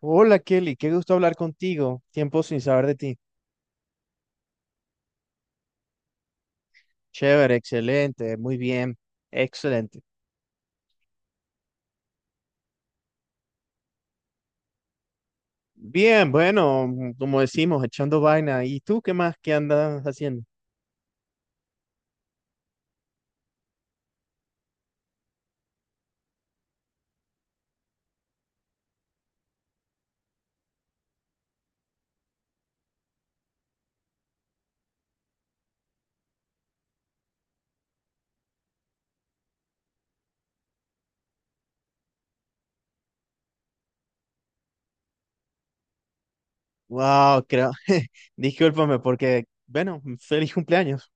Hola Kelly, qué gusto hablar contigo. Tiempo sin saber de ti. Chévere, excelente, muy bien, excelente. Bien, bueno, como decimos, echando vaina. ¿Y tú qué más? ¿Qué andas haciendo? Wow, creo. Discúlpame porque, bueno, feliz cumpleaños.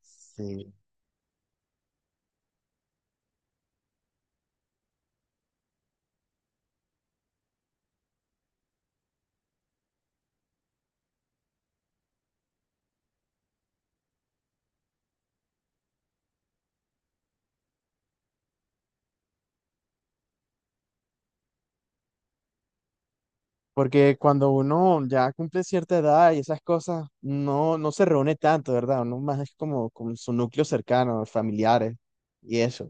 Sí. Porque cuando uno ya cumple cierta edad y esas cosas, no, no se reúne tanto, ¿verdad? Uno más es como con su núcleo cercano, familiares y eso.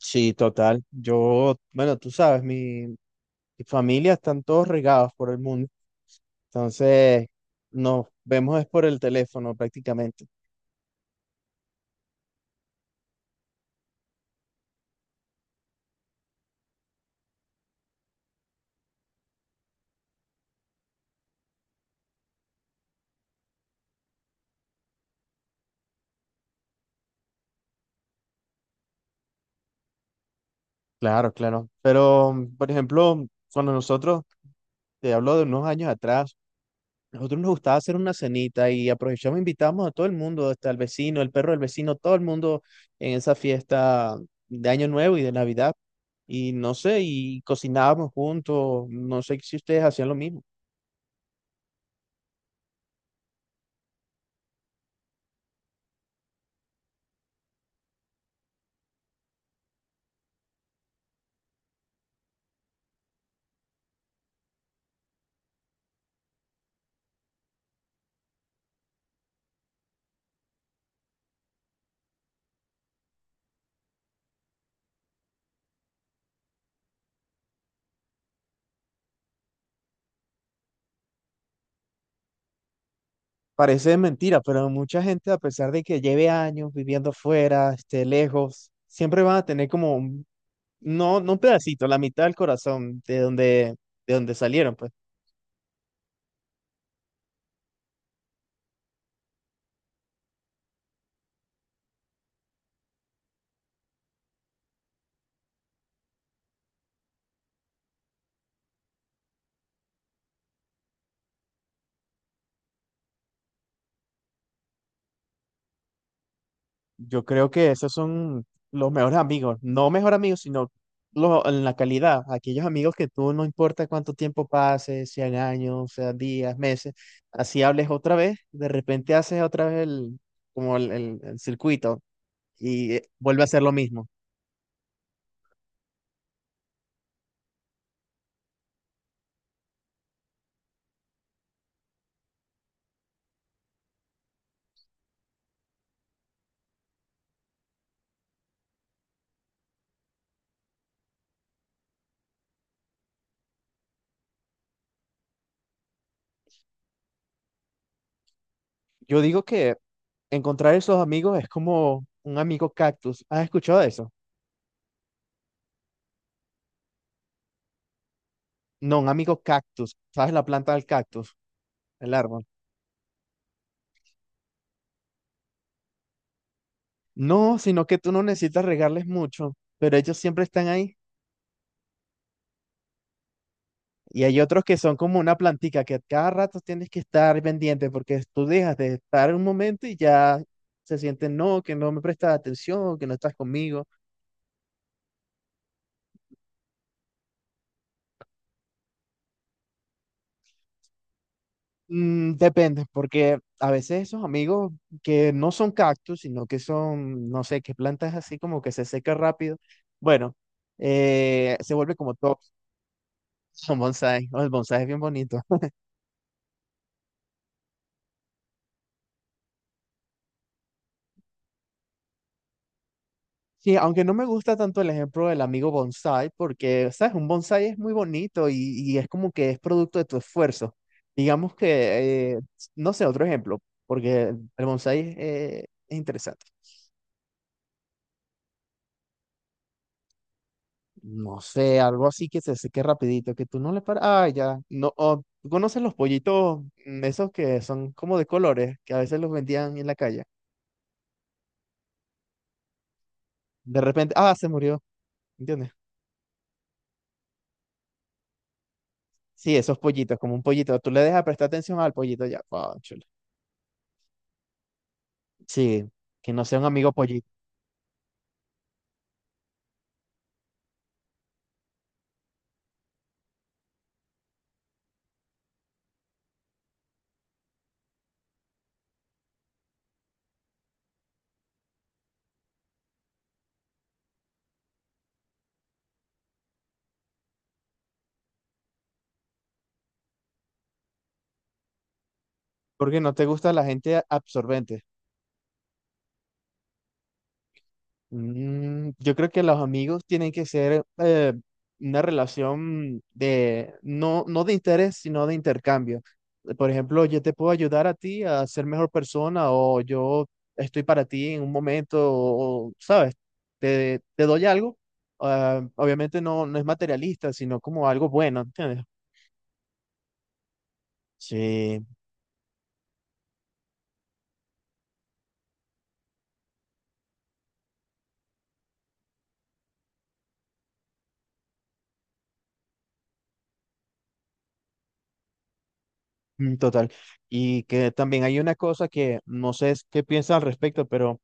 Sí, total. Yo, bueno, tú sabes, y familia están todos regados por el mundo. Entonces, nos vemos es por el teléfono prácticamente. Claro, claro. Pero, por ejemplo, cuando nosotros, te hablo de unos años atrás, nosotros nos gustaba hacer una cenita y aprovechamos, e invitamos a todo el mundo, hasta el vecino, el perro del vecino, todo el mundo en esa fiesta de Año Nuevo y de Navidad. Y no sé, y cocinábamos juntos, no sé si ustedes hacían lo mismo. Parece mentira, pero mucha gente, a pesar de que lleve años viviendo fuera, esté lejos, siempre van a tener como un, no, no un pedacito, la mitad del corazón de donde salieron, pues. Yo creo que esos son los mejores amigos, no mejor amigos, sino en la calidad, aquellos amigos que tú no importa cuánto tiempo pase, sean años, sean días, meses, así hables otra vez, de repente haces otra vez el, como el, el circuito y vuelve a ser lo mismo. Yo digo que encontrar esos amigos es como un amigo cactus. ¿Has escuchado de eso? No, un amigo cactus. ¿Sabes la planta del cactus? El árbol. No, sino que tú no necesitas regarles mucho, pero ellos siempre están ahí. Y hay otros que son como una plantica que cada rato tienes que estar pendiente porque tú dejas de estar un momento y ya se sienten, no, que no me prestas atención, que no estás conmigo. Depende, porque a veces esos amigos que no son cactus, sino que son, no sé, que plantas así como que se seca rápido, bueno, se vuelve como top, son bonsai, o el bonsai es bien bonito. Sí, aunque no me gusta tanto el ejemplo del amigo bonsai, porque, ¿sabes? Un bonsai es muy bonito y es como que es producto de tu esfuerzo. Digamos que, no sé, otro ejemplo, porque el bonsai es interesante. No sé, algo así que se seque rapidito, que tú no le paras. Ah, ya. No, o, ¿tú conoces los pollitos esos que son como de colores, que a veces los vendían en la calle? De repente, ah, se murió, ¿entiendes? Sí, esos pollitos, como un pollito. Tú le dejas prestar atención al pollito ya. Cónchale. Sí, que no sea un amigo pollito. Porque no te gusta la gente absorbente. Yo creo que los amigos tienen que ser una relación de, no, no de interés, sino de intercambio. Por ejemplo, yo te puedo ayudar a ti a ser mejor persona o yo estoy para ti en un momento, o, ¿sabes? Te doy algo. Ah, obviamente no, no es materialista, sino como algo bueno, ¿entiendes? Sí, mm, total. Y que también hay una cosa que no sé qué piensas al respecto, pero...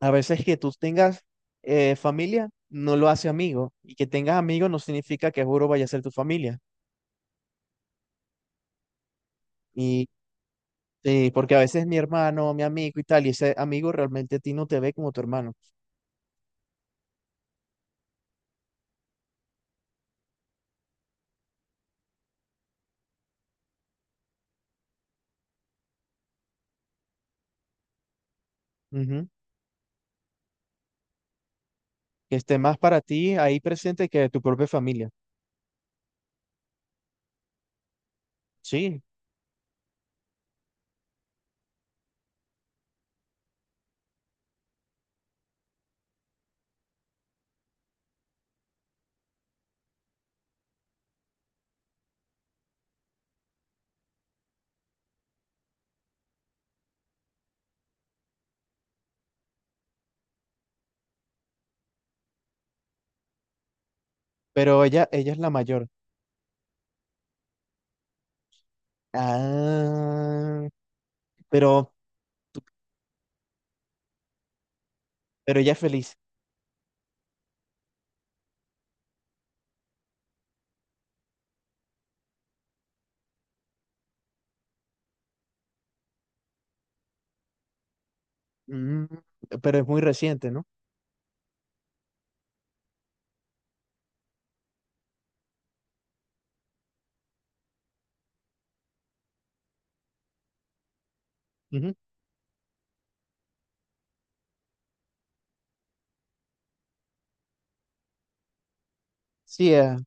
A veces que tú tengas familia no lo hace amigo y que tengas amigos no significa que juro vaya a ser tu familia. Y porque a veces mi hermano, mi amigo y tal, y ese amigo realmente a ti no te ve como tu hermano. Ujú. Que esté más para ti ahí presente que tu propia familia. Sí, pero ella es la mayor. Ah, pero, pero ella es feliz. Mm, pero es muy reciente, ¿no? Ujú. Sí, es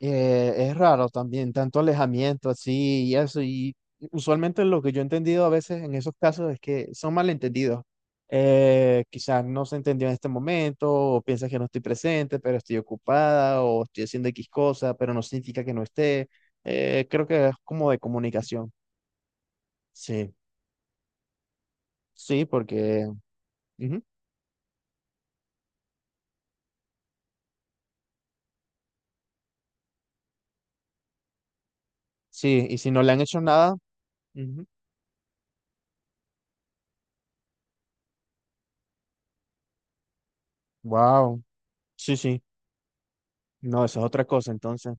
Eh, es raro también, tanto alejamiento así y eso. Y usualmente lo que yo he entendido a veces en esos casos es que son malentendidos. Quizás no se entendió en este momento, o piensas que no estoy presente, pero estoy ocupada, o estoy haciendo X cosa, pero no significa que no esté. Creo que es como de comunicación. Sí, sí, porque. Ujú, sí, y si no le han hecho nada. Wow, sí, sí. No, eso es otra cosa, entonces.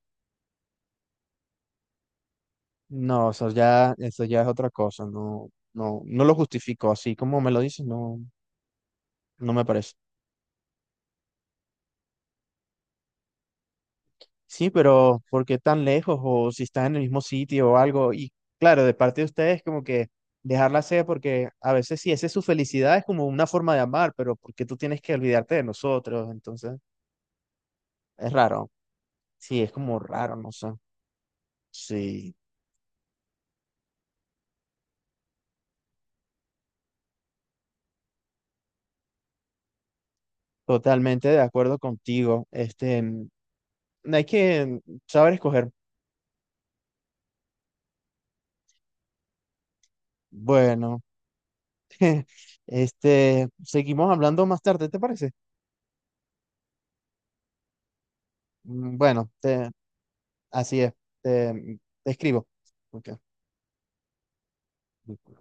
No, eso ya es otra cosa, no, no, no lo justifico, así como me lo dices, no, no me parece. Sí, pero ¿por qué tan lejos? O si están en el mismo sitio o algo, y claro, de parte de ustedes como que dejarla sea, porque a veces sí, esa es su felicidad, es como una forma de amar, pero ¿por qué tú tienes que olvidarte de nosotros? Entonces, es raro, sí, es como raro, no sé. Sí, totalmente de acuerdo contigo, este, no hay que saber escoger, bueno. Este, seguimos hablando más tarde, ¿te parece? Bueno, así es. Te escribo. Ok.